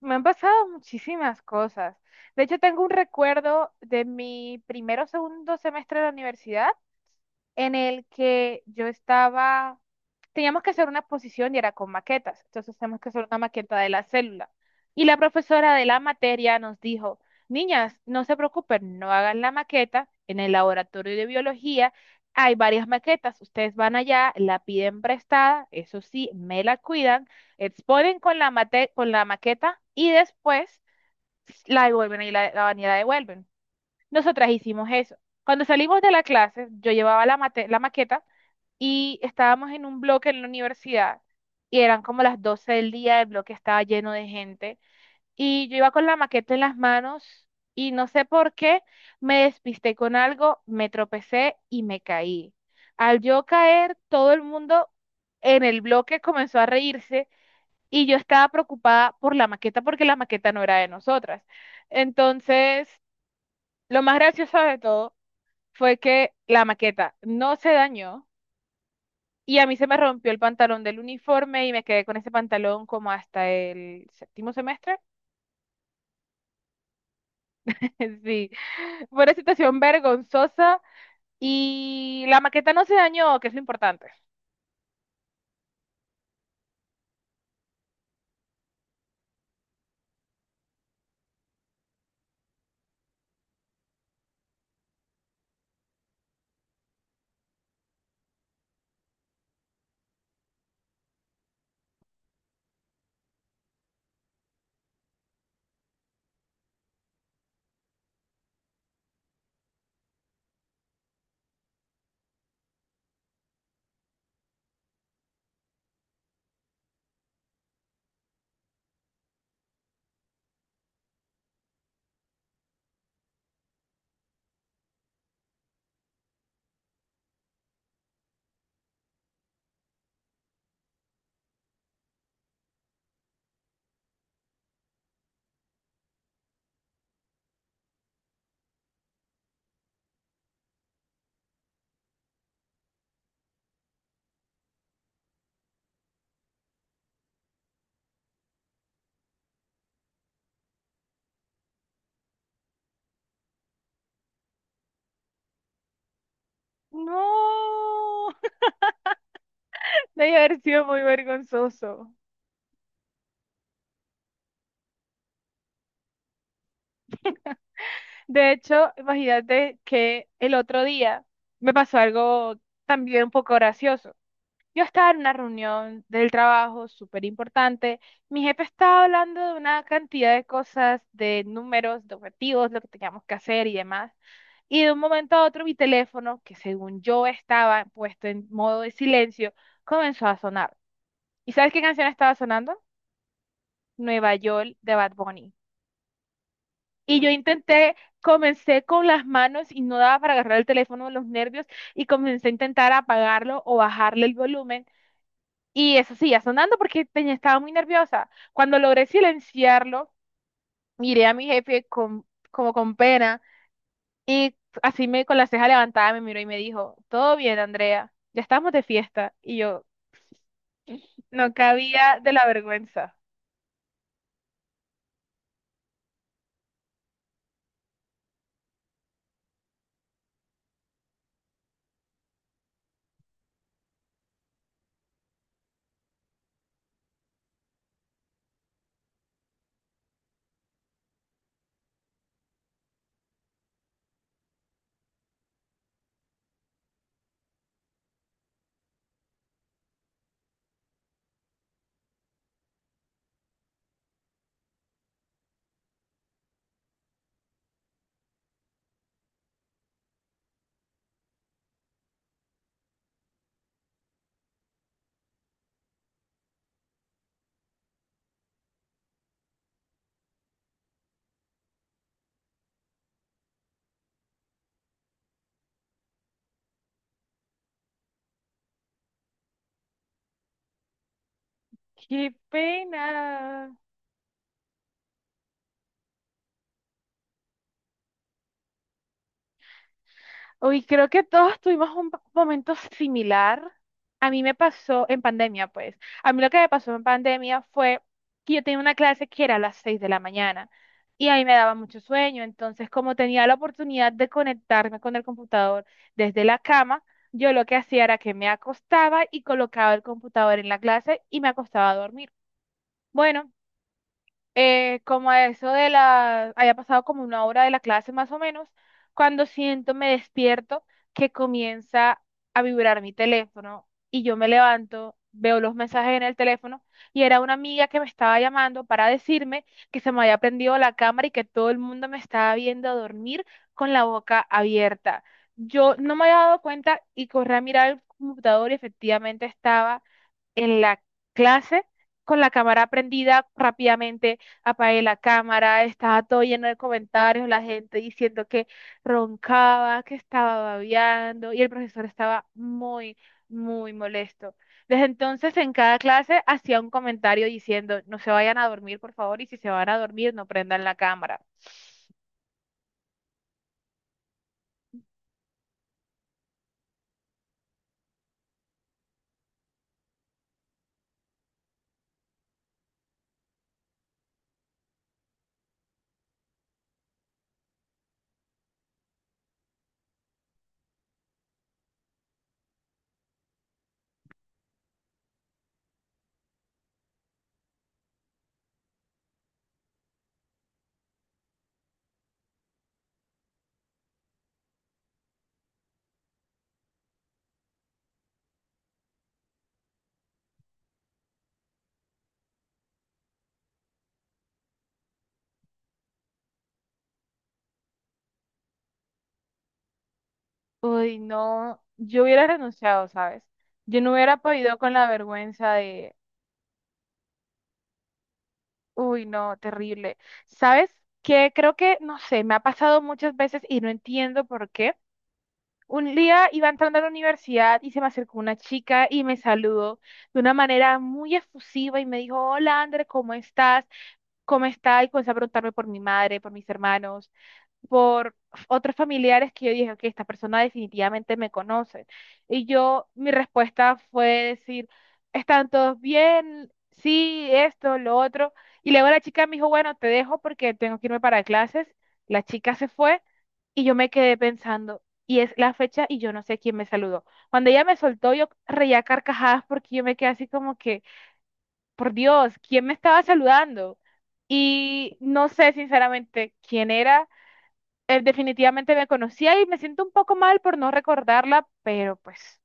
Me han pasado muchísimas cosas. De hecho, tengo un recuerdo de mi primero o segundo semestre de la universidad en el que teníamos que hacer una exposición y era con maquetas, entonces teníamos que hacer una maqueta de la célula. Y la profesora de la materia nos dijo, niñas, no se preocupen, no hagan la maqueta en el laboratorio de biología. Hay varias maquetas, ustedes van allá, la piden prestada, eso sí, me la cuidan, exponen con la maqueta y después la devuelven y la devuelven. Nosotras hicimos eso. Cuando salimos de la clase, yo llevaba la maqueta y estábamos en un bloque en la universidad y eran como las 12 del día, el bloque estaba lleno de gente y yo iba con la maqueta en las manos y no sé por qué me despisté con algo, me tropecé y me caí. Al yo caer, todo el mundo en el bloque comenzó a reírse y yo estaba preocupada por la maqueta porque la maqueta no era de nosotras. Entonces, lo más gracioso de todo fue que la maqueta no se dañó y a mí se me rompió el pantalón del uniforme y me quedé con ese pantalón como hasta el séptimo semestre. Sí, fue una situación vergonzosa y la maqueta no se dañó, que es lo importante. No, debe haber sido muy vergonzoso. De hecho, imagínate que el otro día me pasó algo también un poco gracioso. Yo estaba en una reunión del trabajo súper importante. Mi jefe estaba hablando de una cantidad de cosas, de números, de objetivos, lo que teníamos que hacer y demás. Y de un momento a otro mi teléfono, que según yo estaba puesto en modo de silencio, comenzó a sonar. ¿Y sabes qué canción estaba sonando? Nueva York de Bad Bunny. Y yo intenté, comencé con las manos y no daba para agarrar el teléfono de los nervios y comencé a intentar apagarlo o bajarle el volumen. Y eso seguía sonando porque tenía, estaba muy nerviosa. Cuando logré silenciarlo, miré a mi jefe como con pena y así me con la ceja levantada me miró y me dijo, todo bien, Andrea, ya estamos de fiesta. Y yo no cabía de la vergüenza. ¡Qué pena! Uy, creo que todos tuvimos un momento similar. A mí me pasó en pandemia, pues. A mí lo que me pasó en pandemia fue que yo tenía una clase que era a las 6 de la mañana y a mí me daba mucho sueño. Entonces, como tenía la oportunidad de conectarme con el computador desde la cama, yo lo que hacía era que me acostaba y colocaba el computador en la clase y me acostaba a dormir. Bueno, como a eso de haya pasado como una hora de la clase más o menos, cuando siento, me despierto, que comienza a vibrar mi teléfono y yo me levanto, veo los mensajes en el teléfono y era una amiga que me estaba llamando para decirme que se me había prendido la cámara y que todo el mundo me estaba viendo dormir con la boca abierta. Yo no me había dado cuenta y corrí a mirar el computador y efectivamente estaba en la clase con la cámara prendida, rápidamente apagué la cámara, estaba todo lleno de comentarios, la gente diciendo que roncaba, que estaba babeando y el profesor estaba muy, muy molesto. Desde entonces en cada clase hacía un comentario diciendo, no se vayan a dormir, por favor, y si se van a dormir, no prendan la cámara. Uy, no, yo hubiera renunciado, ¿sabes? Yo no hubiera podido con la vergüenza de, uy, no, terrible. ¿Sabes qué? Creo que, no sé, me ha pasado muchas veces y no entiendo por qué. Un día iba entrando a la universidad y se me acercó una chica y me saludó de una manera muy efusiva y me dijo, hola, André, ¿cómo estás? ¿Cómo estás? Y comenzó a preguntarme por mi madre, por mis hermanos, por otros familiares que yo dije, ok, esta persona definitivamente me conoce. Y yo, mi respuesta fue decir, ¿están todos bien? Sí, esto, lo otro. Y luego la chica me dijo, bueno, te dejo porque tengo que irme para clases. La chica se fue y yo me quedé pensando, y es la fecha y yo no sé quién me saludó. Cuando ella me soltó, yo reía carcajadas porque yo me quedé así como que, por Dios, ¿quién me estaba saludando? Y no sé sinceramente quién era, definitivamente me conocía y me siento un poco mal por no recordarla, pero pues...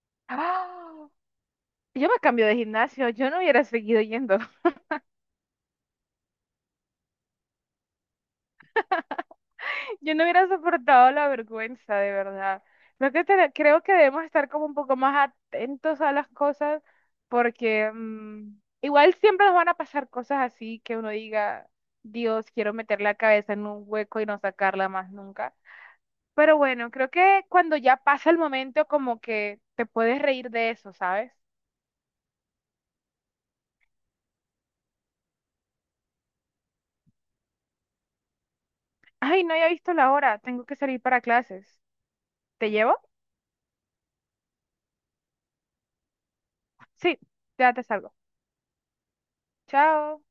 ¡Ah! Yo me cambio de gimnasio, yo no hubiera seguido yendo. Yo no hubiera soportado la vergüenza, de verdad. Creo que, creo que debemos estar como un poco más atentos a las cosas porque igual siempre nos van a pasar cosas así que uno diga, Dios, quiero meter la cabeza en un hueco y no sacarla más nunca. Pero bueno, creo que cuando ya pasa el momento como que te puedes reír de eso, ¿sabes? Ay, no había visto la hora. Tengo que salir para clases. ¿Te llevo? Sí, ya te salgo. Chao.